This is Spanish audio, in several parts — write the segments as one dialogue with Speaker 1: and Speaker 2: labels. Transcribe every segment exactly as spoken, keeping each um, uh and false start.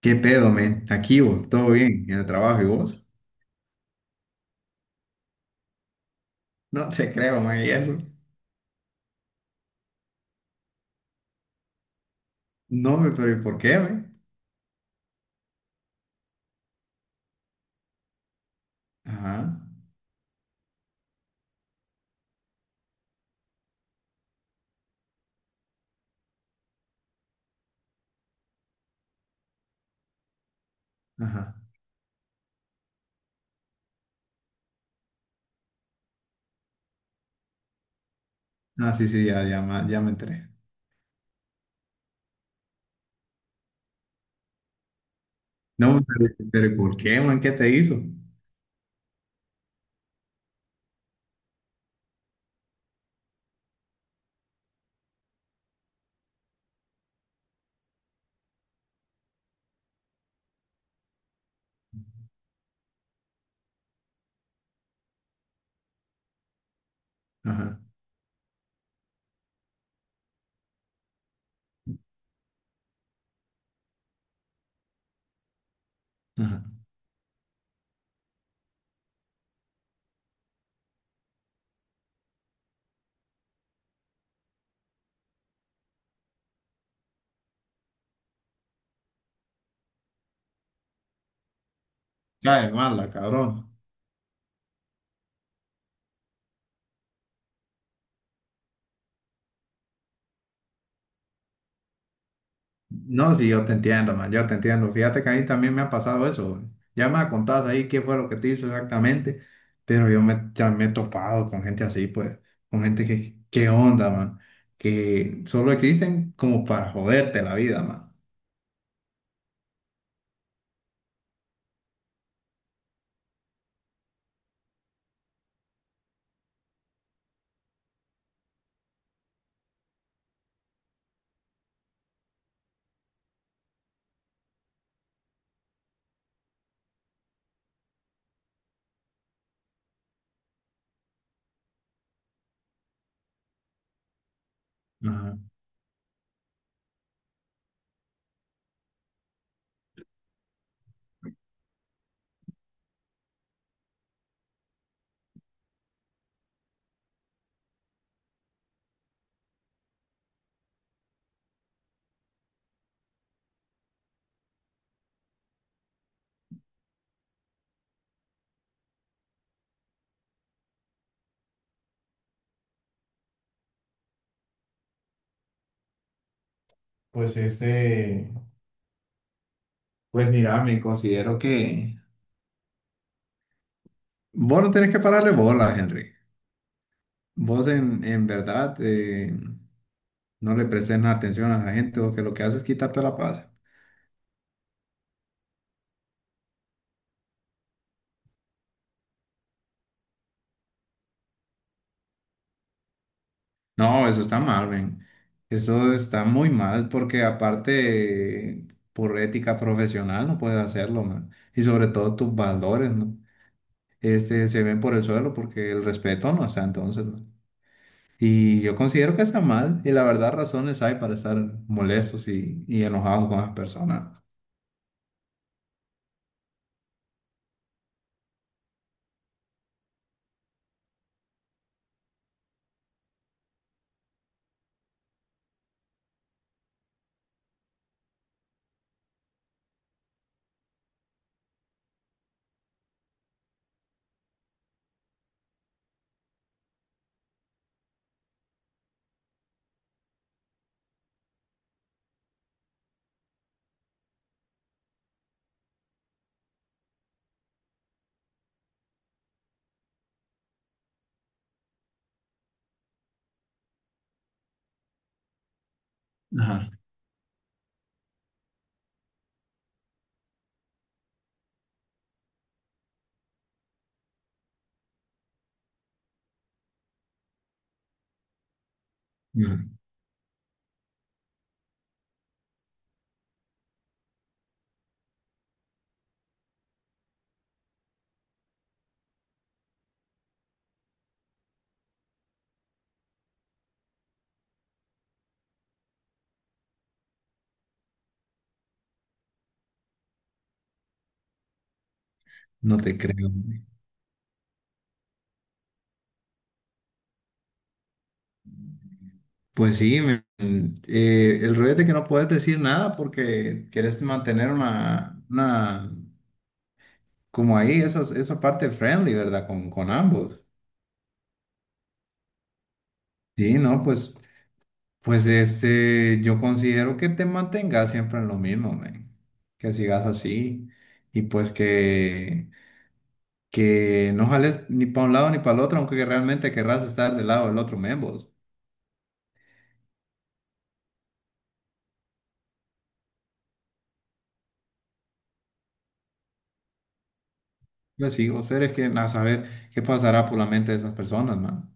Speaker 1: ¿Qué pedo, men? Aquí vos, todo bien, en el trabajo y vos. No te creo, man, y eso. No, me, pero ¿y por qué, men? Ajá, ajá. Ah, sí, sí, ya, ya, ma- ya me enteré. No, pero, pero ¿y por qué, man? ¿Qué te hizo? Ajá, ajá. Cae mala, cabrón. No, sí, yo te entiendo, man, yo te entiendo. Fíjate que a mí también me ha pasado eso. Ya me contás ahí qué fue lo que te hizo exactamente, pero yo me, ya me he topado con gente así, pues, con gente que, qué onda, man, que solo existen como para joderte la vida, man. Ajá. Pues este, pues mira, me considero que vos no tenés que pararle bola, Henry. Vos en, en verdad eh, no le prestes nada atención a la gente, vos que lo que haces es quitarte la paz. No, eso está mal, ven. Eso está muy mal porque aparte por ética profesional no puedes hacerlo, man. Y sobre todo tus valores, ¿no? Este, se ven por el suelo porque el respeto no está entonces, man. Y yo considero que está mal y la verdad razones hay para estar molestos y, y enojados con las personas. Ajá. No, no te creo, güey. Pues sí, me- mm, eh, el rollo es de que no puedes decir nada porque quieres mantener una una, como ahí, eso, es- eso parte friendly, ¿verdad? Con, con ambos. Sí, no, pues, pues este, yo considero que te mantengas siempre en lo mismo, man. Que sigas así y pues que, que no jales ni para un lado ni para el otro, aunque realmente querrás estar del lado del otro, men, vos. Pues sí, vos, pero es que a saber qué pasará por la mente de esas personas, man.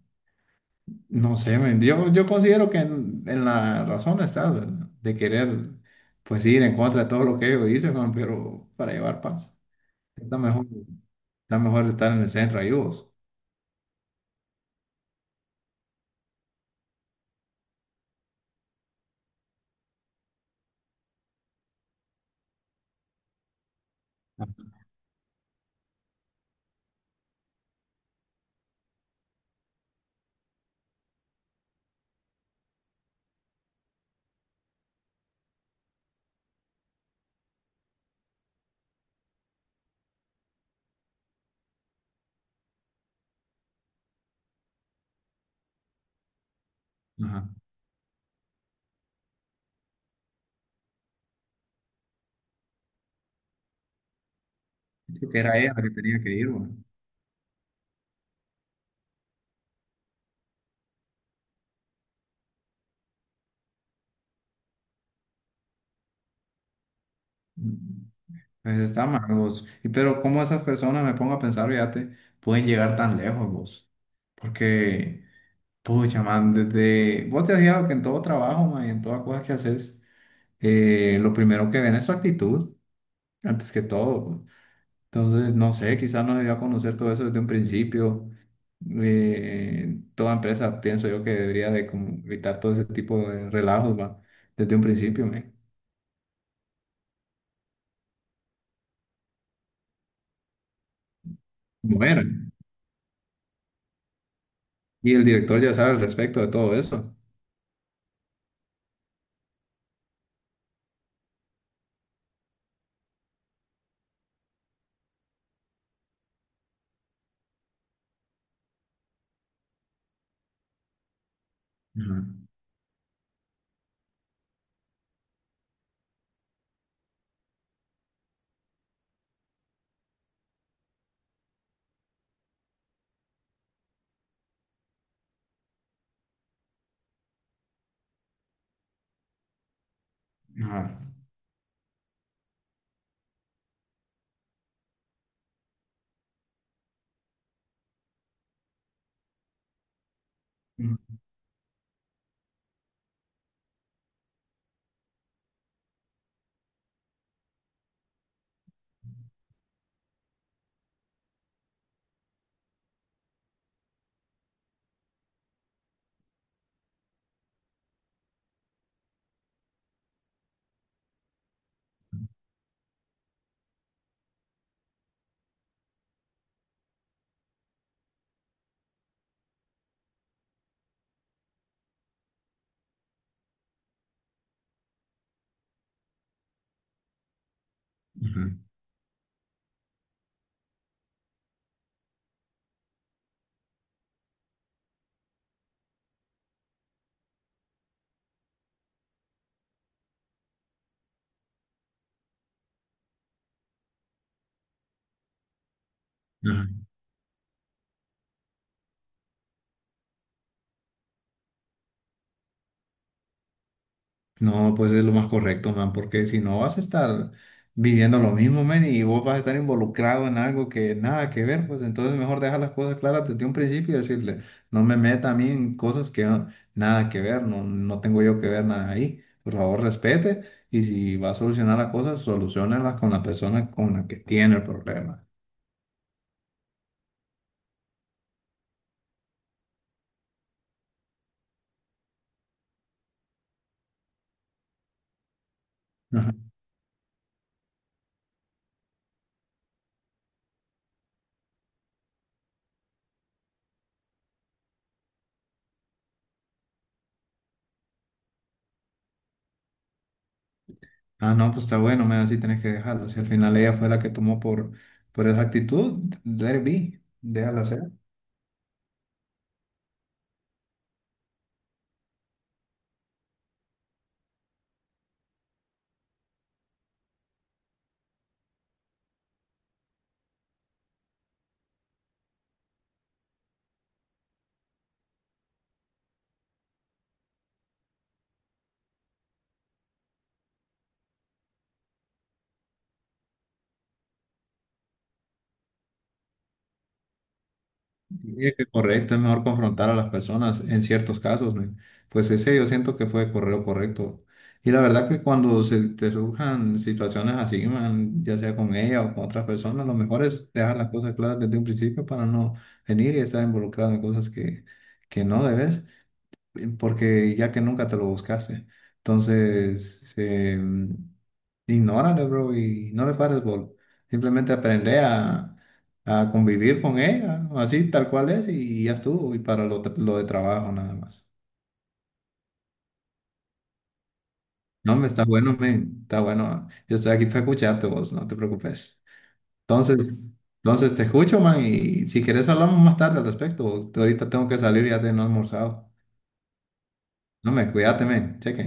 Speaker 1: No sé, men, yo, yo considero que en, en la razón estás, ¿verdad? De querer, pues ir en contra de todo lo que ellos dicen, man, pero para llevar paz. Está mejor, está mejor estar en el centro ahí vos. Ajá. Creo que era ella la que tenía que ir, güey. Mm. Pues está mal vos. Y pero cómo esas personas, me pongo a pensar, fíjate, pueden llegar tan lejos vos. Porque, pucha, man, desde... Vos te has fijado que en todo trabajo, man, y en toda cosa que haces, eh, lo primero que ven es su actitud, antes que todo, pues. Entonces, no sé, quizás no se dio a conocer todo eso desde un principio. Eh, eh, toda empresa, pienso yo, que debería de como evitar todo ese tipo de relajos, va, desde un principio, me. Bueno, y el director ya sabe al respecto de todo eso. Ajá, ajá, ajá, ajá. No, pues es lo más correcto, man, porque si no vas a estar viviendo lo mismo, man, y vos vas a estar involucrado en algo que nada que ver, pues entonces mejor dejar las cosas claras desde un principio y decirle, no me meta a mí en cosas que no- nada que ver, no, no tengo yo que ver nada ahí. Por favor, respete y si va a solucionar las cosas, solucionalas con la persona con la que tiene el problema. Ajá. Ah, no, pues está bueno, man, así tenés que dejarlo. Si al final ella fue la que tomó por, por esa actitud, let it be, déjala hacer. Sí, correcto, es mejor confrontar a las personas en ciertos casos, men. Pues ese yo siento que fue corre- lo correcto. Y la verdad que cuando se te surjan situaciones así, man, ya sea con ella o con otras personas, lo mejor es dejar las cosas claras desde un principio para no venir y estar involucrado en cosas que, que no debes eh, porque ya que nunca te lo buscaste. Entonces, eh, ignórale, bro, y no le pares bola. Simplemente aprende a, a convivir con ella, así tal cual es, y ya estuvo, y para lo, lo de trabajo nada más. No, me está bueno, men, está bueno. Yo estoy aquí para escucharte vos, no te preocupes. Entonces, entonces te escucho, man, y si quieres hablamos más tarde al respecto. Ahorita tengo que salir, ya te no he almorzado. No, me cuídate, men, cheque.